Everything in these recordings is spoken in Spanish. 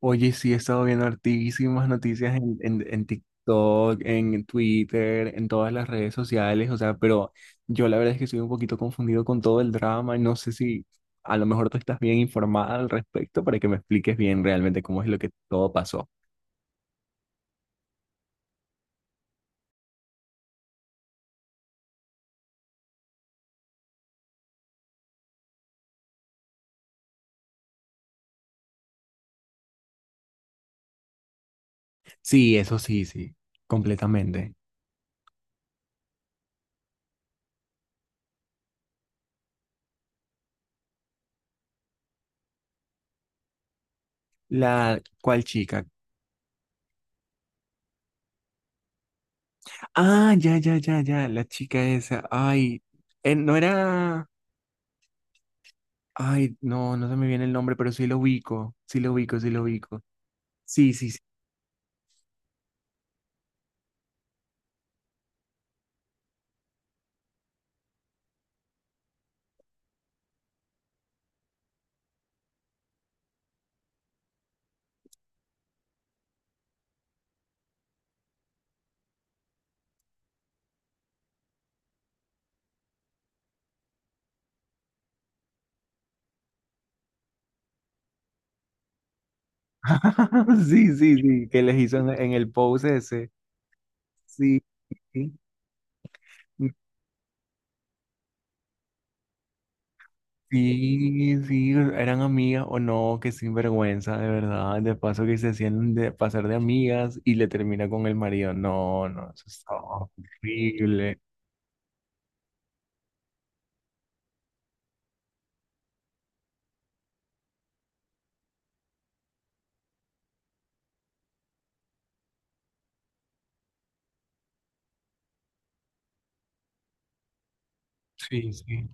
Oye, sí, he estado viendo hartísimas noticias en TikTok, en Twitter, en todas las redes sociales, o sea, pero yo la verdad es que estoy un poquito confundido con todo el drama y no sé si a lo mejor tú estás bien informada al respecto para que me expliques bien realmente cómo es lo que todo pasó. Sí, eso sí, sí, completamente. La, ¿cuál chica? Ah, ya, ya, ya, ya, la chica esa, ay, no era, ay, no, no se me viene el nombre, pero sí lo ubico, sí lo ubico, sí lo ubico. Sí, sí. Sí, sí, sí, que les hizo en, en el pose ese. Sí, sí, sí, eran amigas o no, qué sinvergüenza, de verdad. De paso que se hacían de pasar de amigas y le termina con el marido. No, no, eso está horrible. Sí, sí.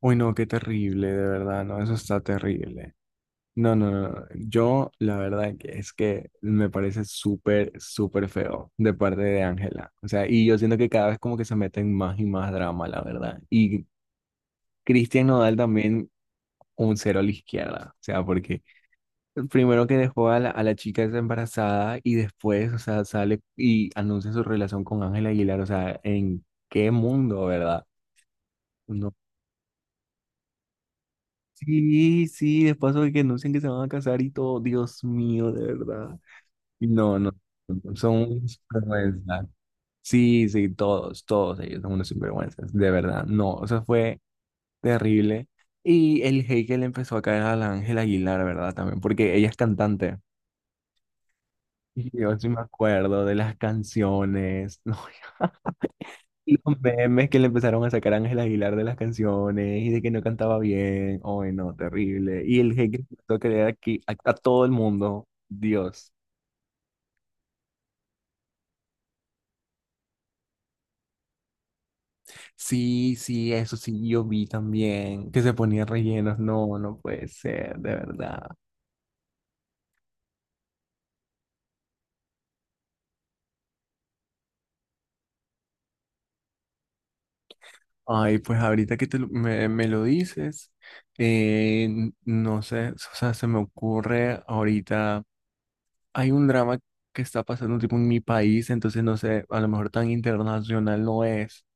Uy, no, qué terrible, de verdad, no, eso está terrible. No, no, no, no. Yo, la verdad que es que me parece súper, súper feo de parte de Ángela. O sea, y yo siento que cada vez como que se meten más y más drama, la verdad. Y Cristian Nodal también un cero a la izquierda. O sea, porque primero que dejó a la chica esa embarazada y después, o sea, sale y anuncia su relación con Ángela Aguilar. O sea, ¿en qué mundo, verdad? No. Sí, sí, después de que anuncian que se van a casar y todo. Dios mío, de verdad. No, no, no, son unos sinvergüenzas. Sí, sí, todos, todos ellos son unos sinvergüenzas, de verdad. No, eso fue terrible. Y el hate que le empezó a caer a la Ángela Aguilar, ¿verdad? También, porque ella es cantante. Y yo sí me acuerdo de las canciones, no, y los memes que le empezaron a sacar a Ángela Aguilar de las canciones y de que no cantaba bien. Ay, no, terrible. Y el hate que empezó a creer aquí a todo el mundo, Dios. Sí, sí, eso sí, yo vi también que se ponía rellenos. No, no puede ser, de verdad. Ay, pues ahorita que me lo dices, no sé, o sea, se me ocurre ahorita, hay un drama que está pasando tipo en mi país, entonces no sé, a lo mejor tan internacional no es,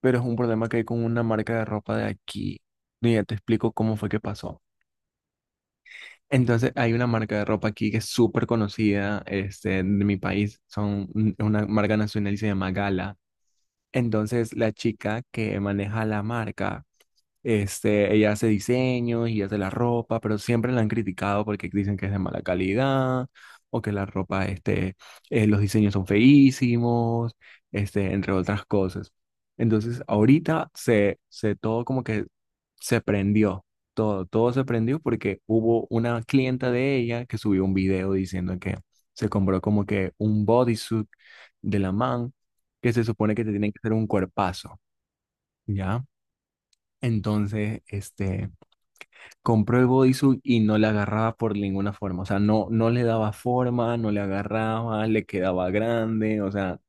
pero es un problema que hay con una marca de ropa de aquí. Y ya te explico cómo fue que pasó. Entonces, hay una marca de ropa aquí que es súper conocida, este, de mi país, son una marca nacional y se llama Gala. Entonces, la chica que maneja la marca este, ella hace diseños y hace la ropa, pero siempre la han criticado porque dicen que es de mala calidad o que la ropa, este, los diseños son feísimos, este, entre otras cosas. Entonces, ahorita se todo como que se prendió, todo, todo se prendió porque hubo una clienta de ella que subió un video diciendo que se compró como que un bodysuit de la man que se supone que te tienen que hacer un cuerpazo, ¿ya? Entonces, este compró el bodysuit y no le agarraba por ninguna forma. O sea, no, no le daba forma, no le agarraba, le quedaba grande. O sea,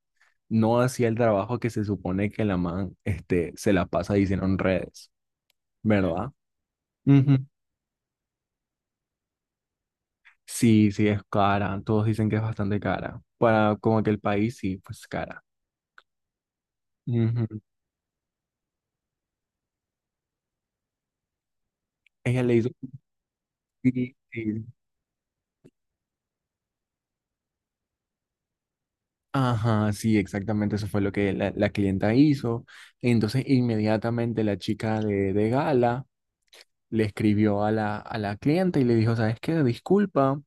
no hacía el trabajo que se supone que la man este, se la pasa diciendo en redes, ¿verdad? Ujú. Sí, sí, es cara. Todos dicen que es bastante cara. Para como que el país, sí, pues cara. Ujú. Ella le hizo... Sí, sí. Ajá, sí, exactamente, eso fue lo que la clienta hizo. Entonces, inmediatamente la chica de gala le escribió a la clienta y le dijo, ¿sabes qué? Disculpa,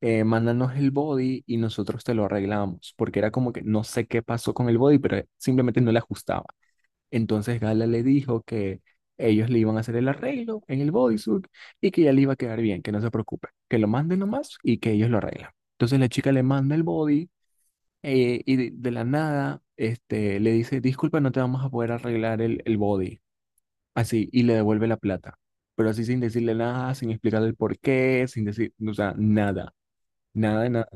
mándanos el body y nosotros te lo arreglamos, porque era como que no sé qué pasó con el body, pero simplemente no le ajustaba. Entonces Gala le dijo que ellos le iban a hacer el arreglo en el bodysuit y que ya le iba a quedar bien, que no se preocupe, que lo manden nomás y que ellos lo arreglan. Entonces la chica le manda el body y de la nada este, le dice, disculpa, no te vamos a poder arreglar el body así, y le devuelve la plata. Pero así sin decirle nada, sin explicarle el por qué, sin decir, o sea, nada, nada, de nada.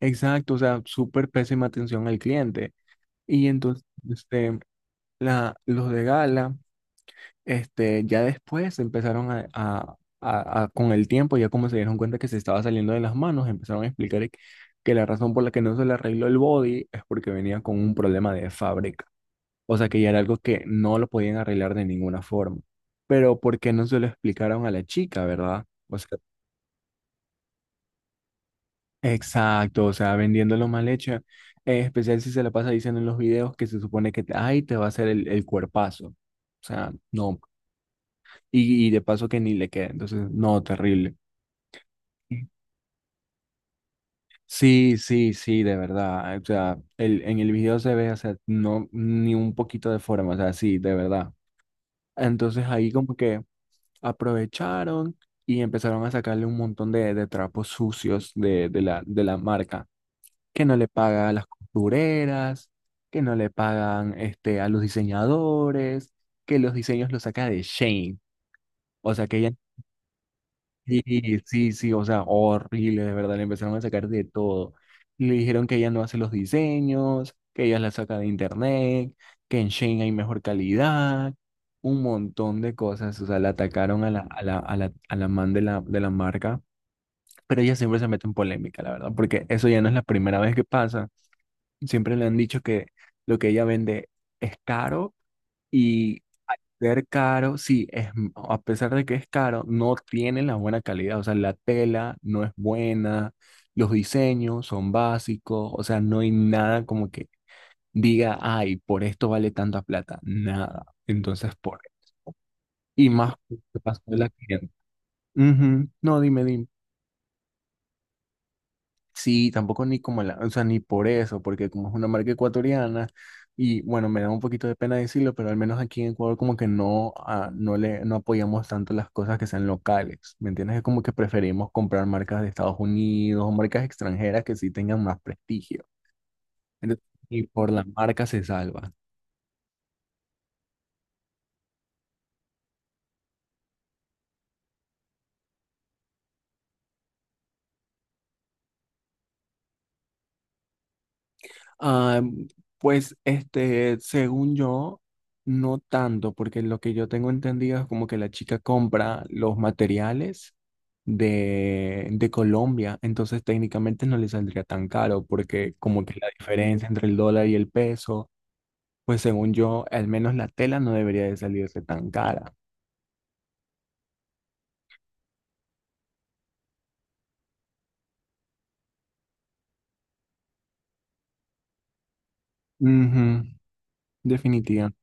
Exacto, o sea, súper pésima atención al cliente. Y entonces, este, la, los de Gala, este, ya después empezaron a con el tiempo, ya como se dieron cuenta que se estaba saliendo de las manos, empezaron a explicar que la razón por la que no se le arregló el body es porque venía con un problema de fábrica. O sea que ya era algo que no lo podían arreglar de ninguna forma. Pero ¿por qué no se lo explicaron a la chica, verdad? O sea, exacto, o sea, vendiéndolo mal hecho. En especial si se la pasa diciendo en los videos que se supone que, ay, te va a hacer el cuerpazo. O sea, no. Y de paso que ni le queda. Entonces, no, terrible. Sí, sí, sí, de verdad. O sea, el, en el video se ve, o sea, no, ni un poquito de forma, o sea, sí, de verdad. Entonces ahí como que aprovecharon y empezaron a sacarle un montón de trapos sucios de la marca, que no le paga a las costureras, que no le pagan este, a los diseñadores, que los diseños los saca de Shane. O sea que ella Sí, sí, sí, o sea, horrible, de verdad, le empezaron a sacar de todo. Le dijeron que ella no hace los diseños, que ella la saca de internet, que en Shein hay mejor calidad, un montón de cosas, o sea, la atacaron a la man de la marca, pero ella siempre se mete en polémica, la verdad, porque eso ya no es la primera vez que pasa. Siempre le han dicho que lo que ella vende es caro y al ser caro, sí, es, a pesar de que es caro, no tiene la buena calidad. O sea, la tela no es buena, los diseños son básicos, o sea, no hay nada como que diga, ay, por esto vale tanta plata. Nada. Entonces, por eso. Y más, ¿qué pasó de la cliente? Ujú. No, dime, dime. Sí, tampoco ni como la, o sea, ni por eso, porque como es una marca ecuatoriana, y bueno, me da un poquito de pena decirlo, pero al menos aquí en Ecuador como que no, ah, no le, no apoyamos tanto las cosas que sean locales, ¿me entiendes? Es como que preferimos comprar marcas de Estados Unidos o marcas extranjeras que sí tengan más prestigio. Entonces, y por la marca se salva. Ah, pues este, según yo, no tanto, porque lo que yo tengo entendido es como que la chica compra los materiales de Colombia, entonces técnicamente no le saldría tan caro, porque como que la diferencia entre el dólar y el peso, pues según yo, al menos la tela no debería de salirse tan cara. Ujú, definitivamente.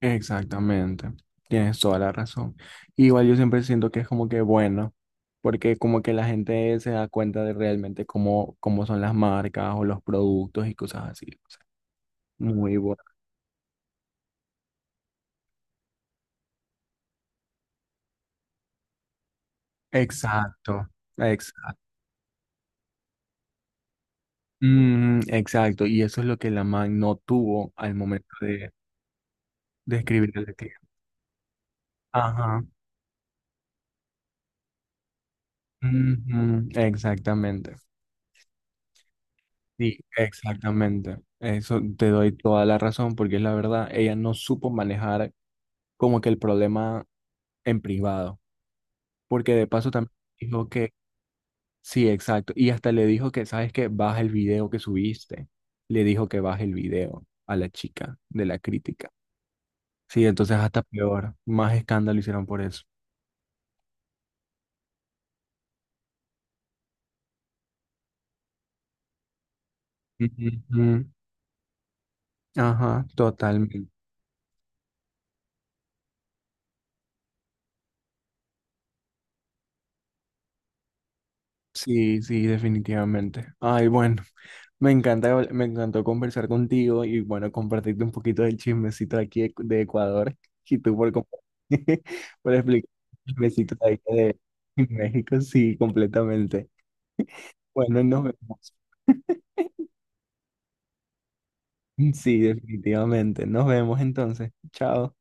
Exactamente, tienes toda la razón. Igual yo siempre siento que es como que bueno, porque como que la gente se da cuenta de realmente cómo, cómo son las marcas o los productos y cosas así. O sea, muy bueno. Exacto, exacto. Mm, exacto, y eso es lo que la man no tuvo al momento de escribirle al cliente. Ajá, ujú, exactamente. Sí, exactamente. Eso te doy toda la razón porque es la verdad, ella no supo manejar como que el problema en privado, porque de paso también dijo que, sí, exacto, y hasta le dijo que, ¿sabes qué? Baja el video que subiste, le dijo que baje el video a la chica de la crítica, sí, entonces hasta peor, más escándalo hicieron por eso. Ujú, ujú. Ajá, totalmente. Sí, sí, definitivamente. Ay, bueno, me encanta, me encantó conversar contigo y bueno, compartirte un poquito del chismecito de aquí de Ecuador y tú por explicar el chismecito de ahí de México, sí, completamente. Bueno, nos vemos. Sí, definitivamente. Nos vemos entonces. Chao.